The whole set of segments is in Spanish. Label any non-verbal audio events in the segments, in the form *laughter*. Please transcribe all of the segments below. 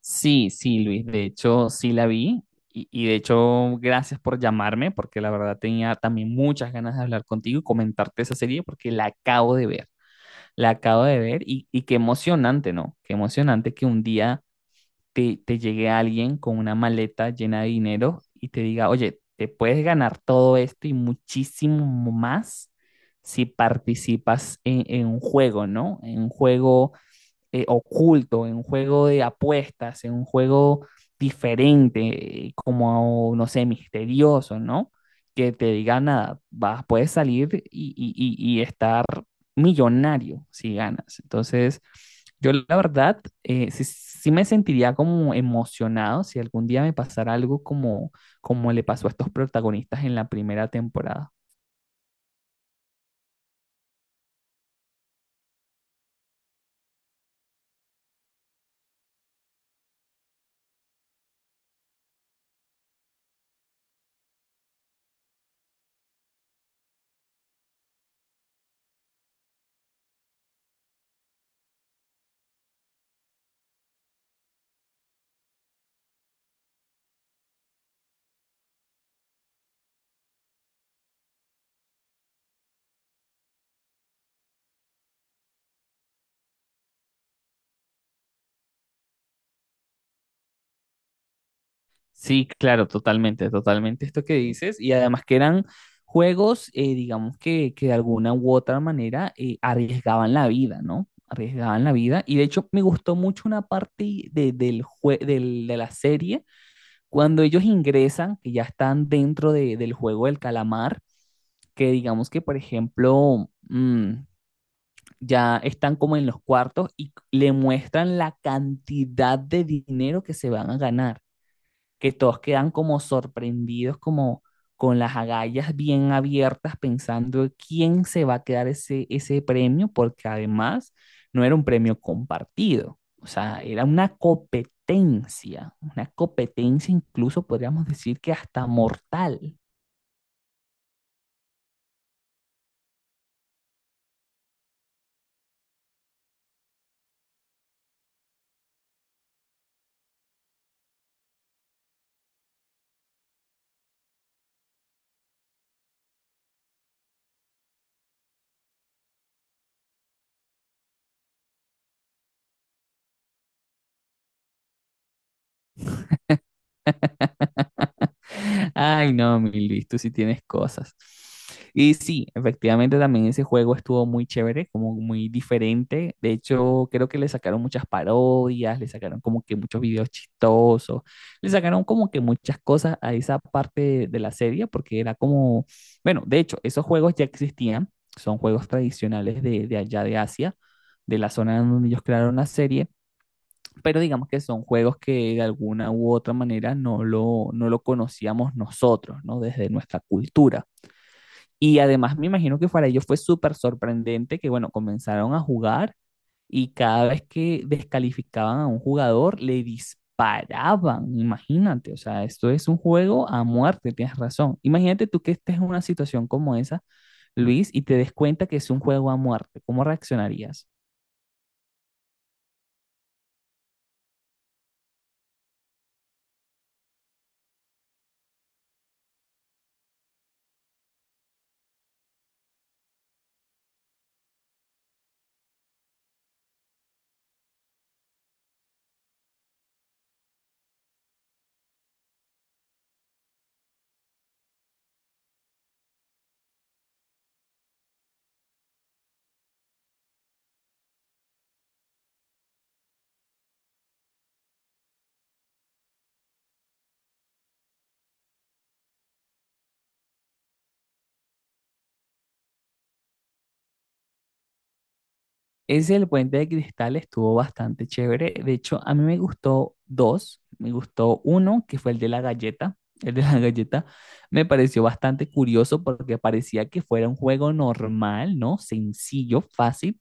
Sí, sí, Luis, de hecho sí la vi y de hecho gracias por llamarme porque la verdad tenía también muchas ganas de hablar contigo y comentarte esa serie porque la acabo de ver, la acabo de ver y qué emocionante, ¿no? Qué emocionante que un día te llegue alguien con una maleta llena de dinero y te diga, oye, te puedes ganar todo esto y muchísimo más si participas en un juego, ¿no? En un juego oculto, en un juego de apuestas, en un juego diferente, como, no sé, misterioso, ¿no? Que te diga nada, vas, puedes salir y, y estar millonario si ganas. Entonces, yo la verdad, sí, sí me sentiría como emocionado si algún día me pasara algo como, como le pasó a estos protagonistas en la primera temporada. Sí, claro, totalmente, totalmente esto que dices. Y además que eran juegos, digamos que de alguna u otra manera arriesgaban la vida, ¿no? Arriesgaban la vida. Y de hecho me gustó mucho una parte de, del jue- del- de la serie, cuando ellos ingresan, que ya están dentro del juego del calamar, que digamos que, por ejemplo, ya están como en los cuartos y le muestran la cantidad de dinero que se van a ganar que todos quedan como sorprendidos, como con las agallas bien abiertas, pensando quién se va a quedar ese, ese premio, porque además no era un premio compartido, o sea, era una competencia incluso podríamos decir que hasta mortal. Ay, no, mi Luis, tú sí tienes cosas. Y sí, efectivamente también ese juego estuvo muy chévere, como muy diferente. De hecho, creo que le sacaron muchas parodias, le sacaron como que muchos videos chistosos, le sacaron como que muchas cosas a esa parte de la serie, porque era como, bueno, de hecho, esos juegos ya existían, son juegos tradicionales de allá de Asia, de la zona donde ellos crearon la serie pero digamos que son juegos que de alguna u otra manera no lo conocíamos nosotros, ¿no? Desde nuestra cultura. Y además me imagino que para ellos fue súper sorprendente que, bueno, comenzaron a jugar y cada vez que descalificaban a un jugador, le disparaban, imagínate, o sea, esto es un juego a muerte, tienes razón. Imagínate tú que estés en una situación como esa, Luis, y te des cuenta que es un juego a muerte, ¿cómo reaccionarías? Ese del puente de cristal estuvo bastante chévere. De hecho, a mí me gustó dos. Me gustó uno, que fue el de la galleta. El de la *laughs* galleta me pareció bastante curioso porque parecía que fuera un juego normal, ¿no? Sencillo, fácil.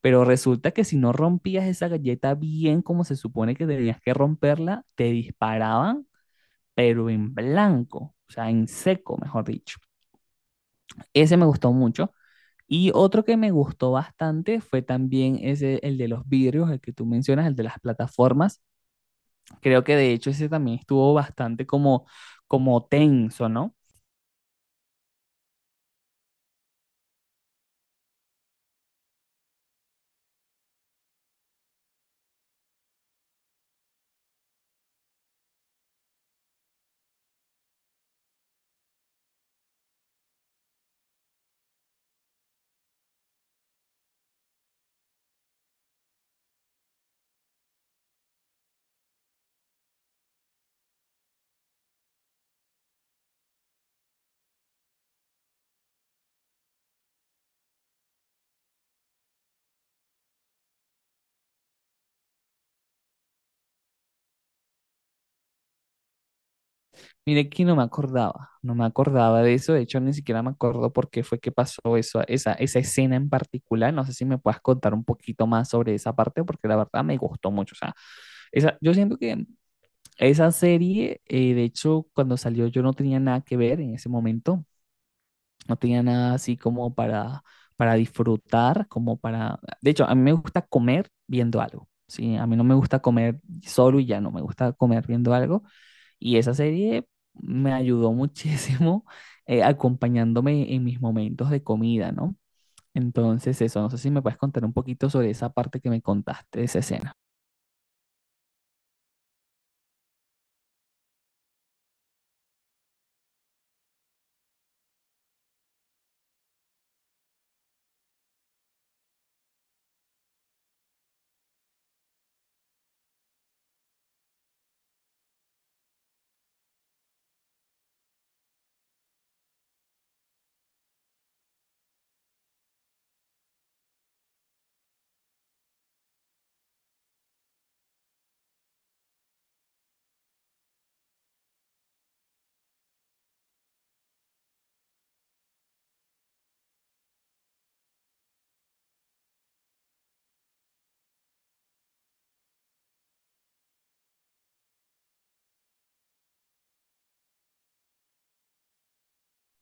Pero resulta que si no rompías esa galleta bien como se supone que tenías que romperla, te disparaban, pero en blanco, o sea, en seco, mejor dicho. Ese me gustó mucho. Y otro que me gustó bastante fue también ese, el de los vidrios, el que tú mencionas, el de las plataformas. Creo que de hecho ese también estuvo bastante como, como tenso, ¿no? Mire que no me acordaba, no me acordaba de eso, de hecho ni siquiera me acuerdo por qué fue que pasó eso, esa escena en particular. No sé si me puedas contar un poquito más sobre esa parte, porque la verdad me gustó mucho. O sea, esa, yo siento que esa serie, de hecho, cuando salió yo no tenía nada que ver en ese momento, no tenía nada así como para disfrutar, como para... De hecho, a mí me gusta comer viendo algo, ¿sí? A mí no me gusta comer solo y ya no, me gusta comer viendo algo. Y esa serie me ayudó *laughs* muchísimo acompañándome en mis momentos de comida, ¿no? Entonces, eso, no sé si me puedes contar un poquito sobre esa parte que me contaste de esa escena.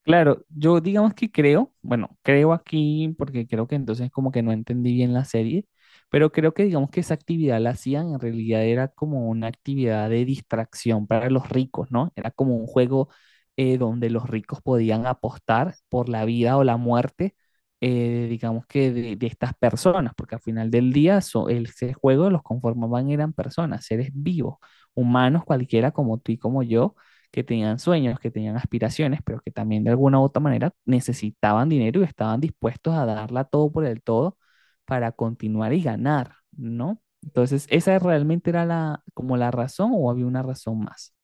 Claro, yo digamos que creo, bueno, creo aquí porque creo que entonces como que no entendí bien la serie, pero creo que digamos que esa actividad la hacían, en realidad era como una actividad de distracción para los ricos, ¿no? Era como un juego donde los ricos podían apostar por la vida o la muerte, digamos que de estas personas, porque al final del día ese juego los conformaban eran personas, seres vivos, humanos cualquiera como tú y como yo que tenían sueños, que tenían aspiraciones, pero que también de alguna u otra manera necesitaban dinero y estaban dispuestos a darla todo por el todo para continuar y ganar, ¿no? Entonces, ¿esa realmente era la, como la razón o había una razón más?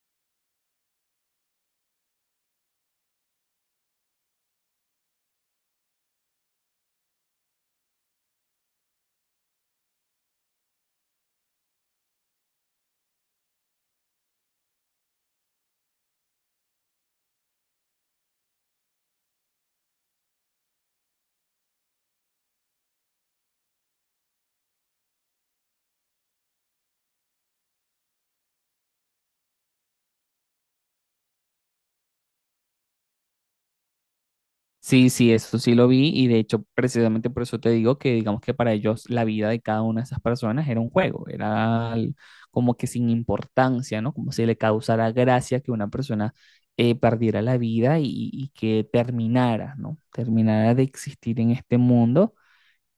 Sí, sí, eso sí lo vi y de hecho precisamente por eso te digo que digamos que para ellos la vida de cada una de esas personas era un juego, como que sin importancia, ¿no? Como si le causara gracia que una persona perdiera la vida y que terminara, ¿no? Terminara de existir en este mundo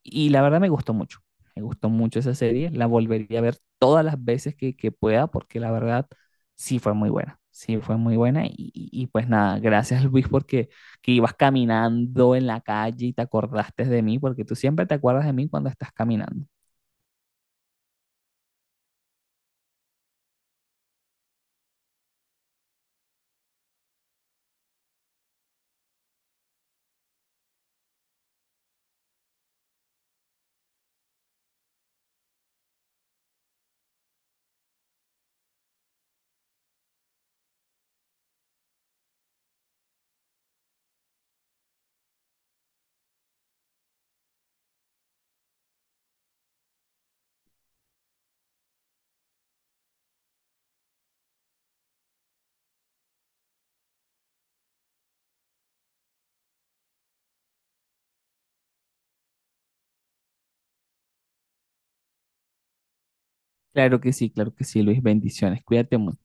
y la verdad me gustó mucho esa serie, la volvería a ver todas las veces que pueda porque la verdad sí fue muy buena, sí fue muy buena y, y pues nada, gracias *laughs* Luis porque que ibas caminando en la calle y te acordaste de mí porque tú siempre te acuerdas de mí cuando estás caminando. Claro que sí Luis, bendiciones, cuídate mucho.